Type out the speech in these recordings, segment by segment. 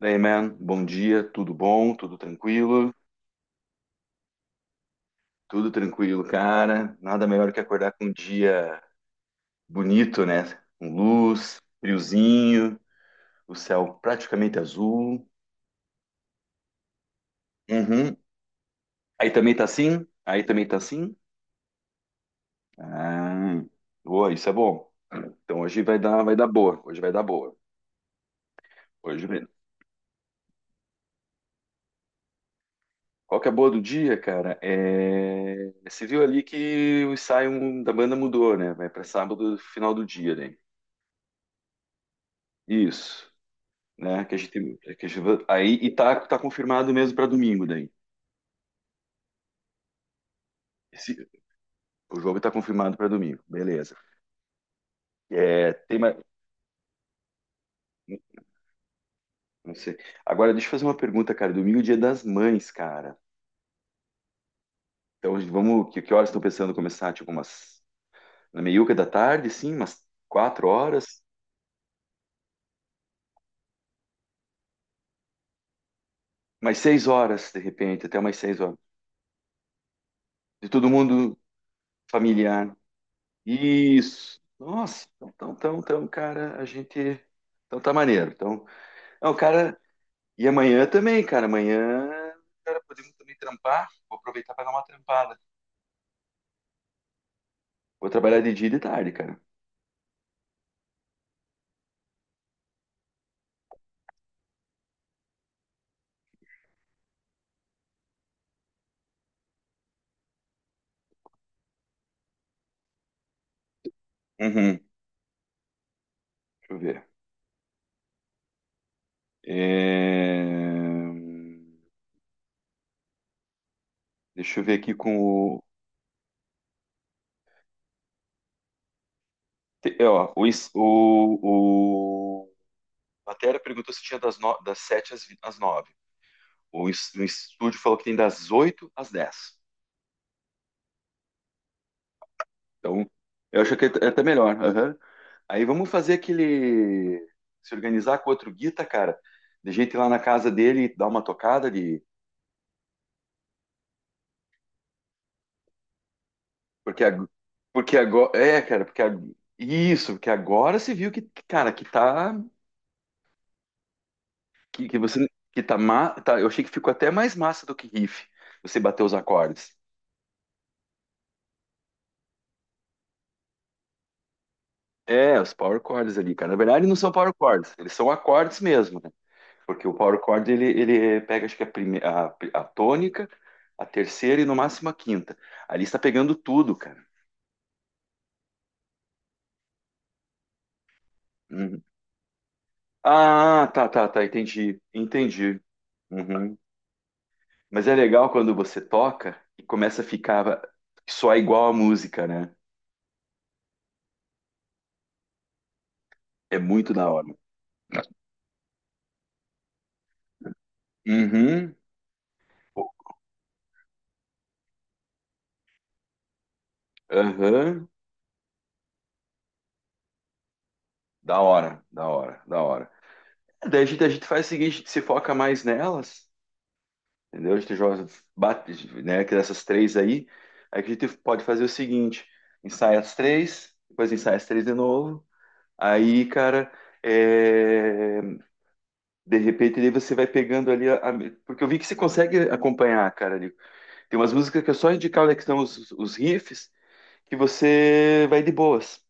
Daí, man, bom dia, tudo bom, tudo tranquilo, cara. Nada melhor que acordar com um dia bonito, né? Com luz, friozinho, o céu praticamente azul. Uhum. Aí também tá assim? Aí também tá assim? Ah, boa, isso é bom. Então hoje vai dar boa. Hoje vai dar boa. Hoje mesmo. Qual que é a boa do dia, cara? Você viu ali que o ensaio da banda mudou, né? Vai para sábado, final do dia, né? Isso. Né? Que a gente- aí e tá, tá confirmado mesmo para domingo daí. Esse- o jogo tá confirmado para domingo, beleza. É, tem mais, não sei. Agora deixa eu fazer uma pergunta, cara. Domingo é dia das mães, cara. Então vamos, que horas estão pensando começar? Tipo umas na meiuca da tarde, sim, umas quatro horas, mais seis horas de repente, até umas seis horas. De todo mundo familiar. Isso. Nossa, então, cara, a gente, então tá maneiro. Então, não, cara. E amanhã também, cara. Amanhã, cara, podemos também trampar. Vou aproveitar para dar uma trampada. Vou trabalhar de dia e de tarde, cara. Uhum. Deixa eu ver. É, deixa eu ver aqui com o. Ó, o, ins- o... a Matéria perguntou se tinha das, no... das 7 às, às 9. O estúdio falou que tem das 8 às 10. Então, eu acho que é até melhor. Aham. Aí vamos fazer aquele. Se organizar com outro guita, cara. De gente ir lá na casa dele e dar uma tocada de. Porque, ag- Porque agora. Isso, porque agora se viu que, cara, que tá. Que você. Que tá, tá. Eu achei que ficou até mais massa do que riff. Você bater os acordes. É, os power chords ali, cara. Na verdade, não são power chords, eles são acordes mesmo, né? Porque o power chord ele pega, acho que a, a tônica, a terceira e no máximo a quinta. Ali está pegando tudo, cara. Uhum. Ah, tá, entendi, entendi. Uhum. Mas é legal quando você toca e começa a ficar só igual a música, né? É muito da hora. Uhum. Aham. Da hora, da hora, da hora. Daí a gente faz o seguinte, se foca mais nelas. Entendeu? A gente joga, bate, né, que dessas três aí, aí que a gente pode fazer o seguinte, ensaia as três, depois ensaia as três de novo, aí, cara, é, de repente daí você vai pegando ali, porque eu vi que você consegue acompanhar, cara, ali. Tem umas músicas que é só indicar onde é que estão os riffs, que você vai de boas.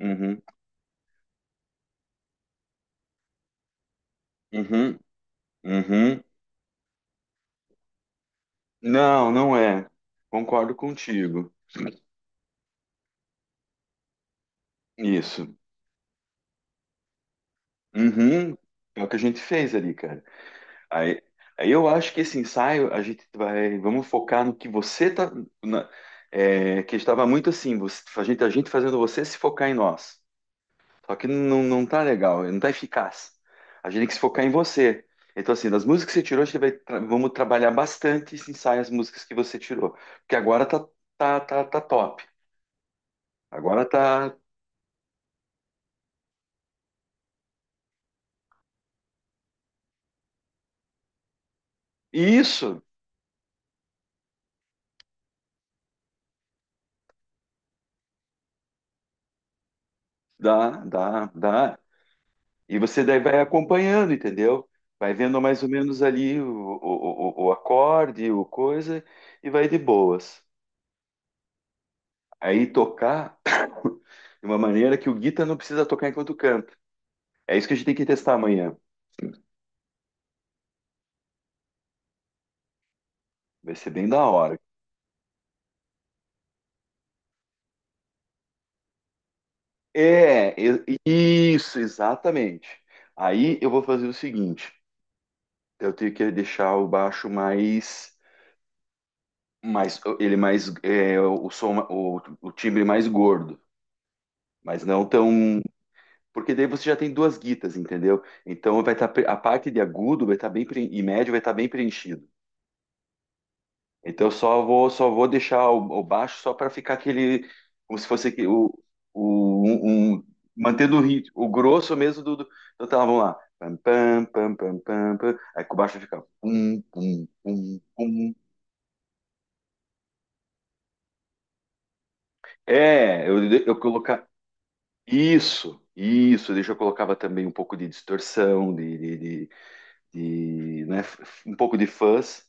Uhum, uhum, uhum. Não, não é. Concordo contigo. Isso. Uhum. É o que a gente fez ali, cara. Aí, aí eu acho que esse ensaio a gente vai, vamos focar no que você tá, na- é, que estava muito assim, a gente fazendo você se focar em nós. Só que não, não tá legal, não tá eficaz. A gente tem que se focar em você. Então assim, das músicas que você tirou, a gente vai, vamos trabalhar bastante esse ensaio, as músicas que você tirou, porque agora tá, tá top. Agora tá isso, dá, dá, dá. E você daí vai acompanhando, entendeu? Vai vendo mais ou menos ali o acorde, o coisa, e vai de boas. Aí tocar de uma maneira que o guita não precisa tocar enquanto canta. É isso que a gente tem que testar amanhã. Vai ser bem da hora. É, isso, exatamente. Aí eu vou fazer o seguinte: eu tenho que deixar o baixo mais, mais ele mais, é, o som, o timbre mais gordo, mas não tão. Porque daí você já tem duas guitas, entendeu? Então vai estar a parte de agudo vai estar e médio vai estar bem preenchido. Então eu só vou deixar o baixo só para ficar aquele como se fosse um, mantendo o ritmo, o grosso mesmo do então tá, vamos lá. Pam, pam, pam, pam, pam, pam. Aí com o baixo fica pum, pum, pum, pum. É, eu colocar isso, isso, deixa eu colocava também um pouco de distorção, né, um pouco de fuzz.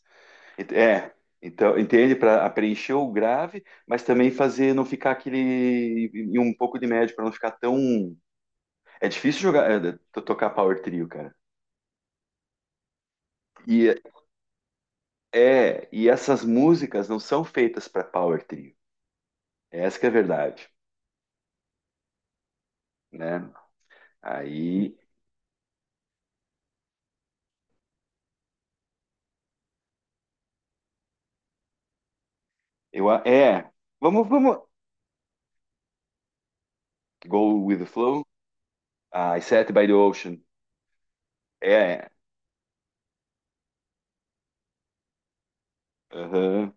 Ent- É, então, entende? Para preencher o grave, mas também fazer não ficar aquele. E um pouco de médio, para não ficar tão. É difícil jogar, é, tocar power trio, cara. E é, e essas músicas não são feitas para power trio. Essa que é a verdade, né? Aí é, vamos, vamos. Go with the flow. Ah, I sat by the ocean. É, aham.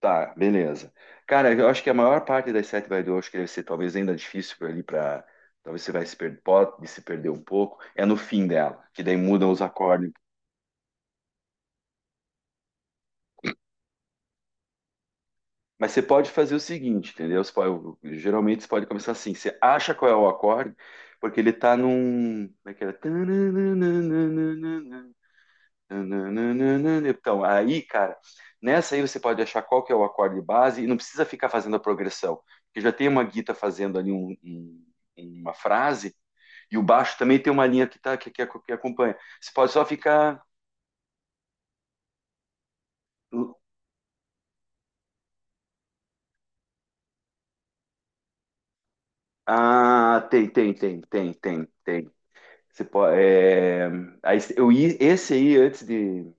Tá, beleza. Cara, eu acho que a maior parte das sete vai do, acho que deve ser talvez ainda difícil por ali para talvez você vai se per- pode se perder um pouco, é no fim dela, que daí mudam os acordes. Mas você pode fazer o seguinte, entendeu? Geralmente você pode começar assim, você acha qual é o acorde, porque ele tá num, como é que era? Então, aí, cara, nessa aí você pode achar qual que é o acorde base e não precisa ficar fazendo a progressão. Porque já tem uma guita fazendo ali uma frase e o baixo também tem uma linha que, tá, que acompanha. Você pode só ficar. Ah, tem, tem, tem, tem, tem, tem. Você pode, é, aí, eu, esse aí, antes de.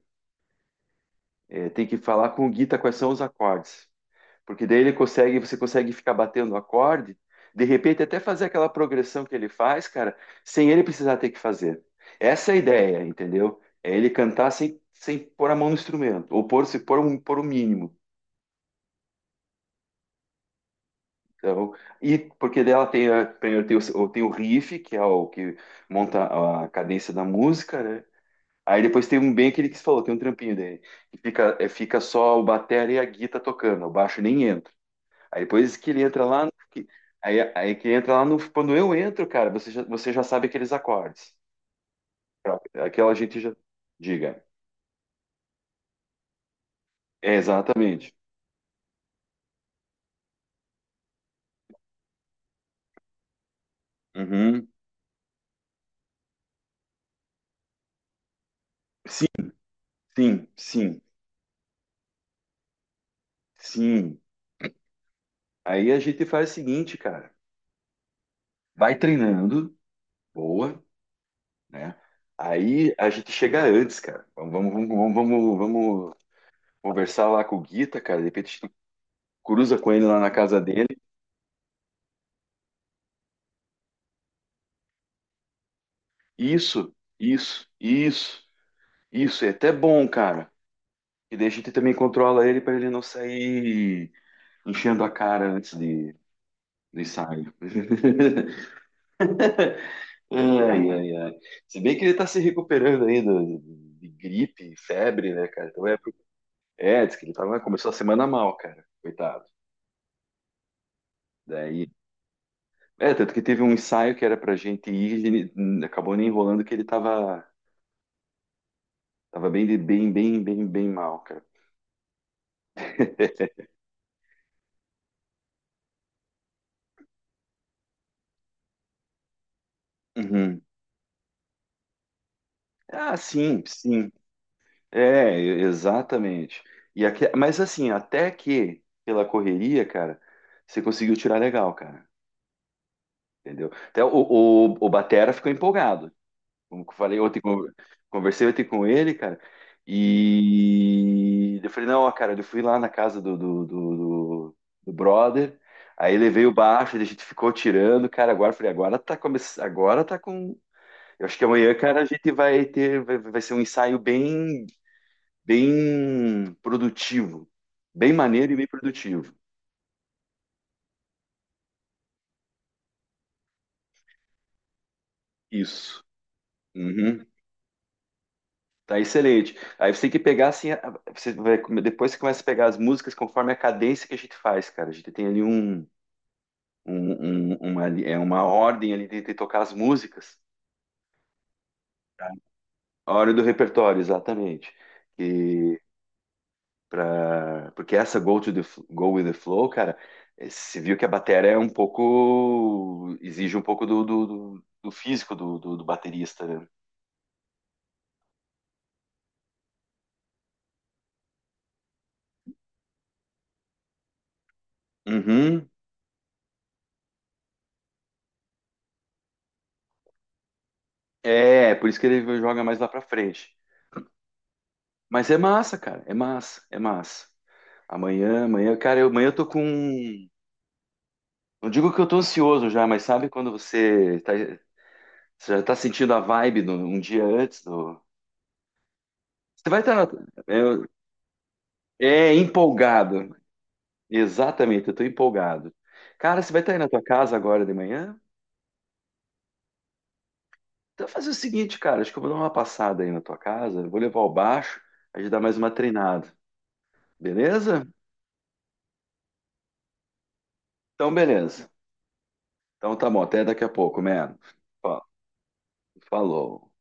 É, tem que falar com o guita quais são os acordes. Porque daí ele consegue, você consegue ficar batendo o acorde, de repente até fazer aquela progressão que ele faz, cara, sem ele precisar ter que fazer. Essa é a ideia, entendeu? É ele cantar sem, sem pôr a mão no instrumento, ou pôr, se pôr, um, pôr o mínimo. Então, e porque dela tem, a, primeiro tem o, tem o riff, que é o que monta a cadência da música, né? Aí depois tem um bem que ele que falou, tem um trampinho dele, que fica, é, fica só o batera e a guitarra tocando, o baixo nem entra. Aí depois que ele entra lá, aí que entra lá no, quando eu entro, cara, você já sabe aqueles acordes. Aquela gente já diga. É, exatamente. Uhum. Sim, sim, sim, sim. Aí a gente faz o seguinte, cara. Vai treinando, boa, né? Aí a gente chega antes, cara. Vamos, vamos conversar lá com o Guita, cara. De repente a gente cruza com ele lá na casa dele. Isso, isso, isso, isso. É até bom, cara. E daí a gente também controla ele para ele não sair enchendo a cara antes de, do ensaio. Ai, ai, ai. Se bem que ele tá se recuperando ainda de gripe, febre, né, cara? É, diz que ele tava, começou a semana mal, cara. Coitado. Daí. É, tanto que teve um ensaio que era pra gente ir, e ele acabou nem enrolando que ele tava, tava bem, bem, bem mal, cara. Uhum. Ah, sim, sim. É, exatamente. Mas assim, até que pela correria, cara, você conseguiu tirar legal, cara. Entendeu? Até o Batera ficou empolgado. Como eu falei ontem, conversei ontem com ele, cara, e eu falei, não, ó, cara, eu fui lá na casa do brother, aí levei o baixo, a gente ficou tirando, cara, agora eu falei, agora tá começando, agora tá com. Eu acho que amanhã, cara, a gente vai ter, vai ser um ensaio bem, bem produtivo, bem maneiro e bem produtivo. Isso. Uhum. Tá excelente. Aí você tem que pegar assim, você vai, depois você começa a pegar as músicas conforme a cadência que a gente faz, cara. A gente tem ali um, é uma ordem ali de tocar as músicas. Tá. A hora do repertório, exatamente. E pra, porque essa Go with the Flow, cara, eh, você viu que a bateria é um pouco, exige um pouco do físico do baterista, né? Uhum. É, por isso que ele joga mais lá pra frente. Mas é massa, cara. É massa, é massa. Amanhã, amanhã, cara, eu, amanhã eu tô com. Não digo que eu tô ansioso já, mas sabe quando você, tá, você já tá sentindo a vibe do, um dia antes do. Você vai estar. Na- é, é empolgado. Exatamente, eu tô empolgado. Cara, você vai estar aí na tua casa agora de manhã? Então fazer o seguinte, cara, acho que eu vou dar uma passada aí na tua casa, vou levar o baixo, a gente dá mais uma treinada. Beleza? Então, beleza. Então tá bom, até daqui a pouco, mano. Fa- Falou.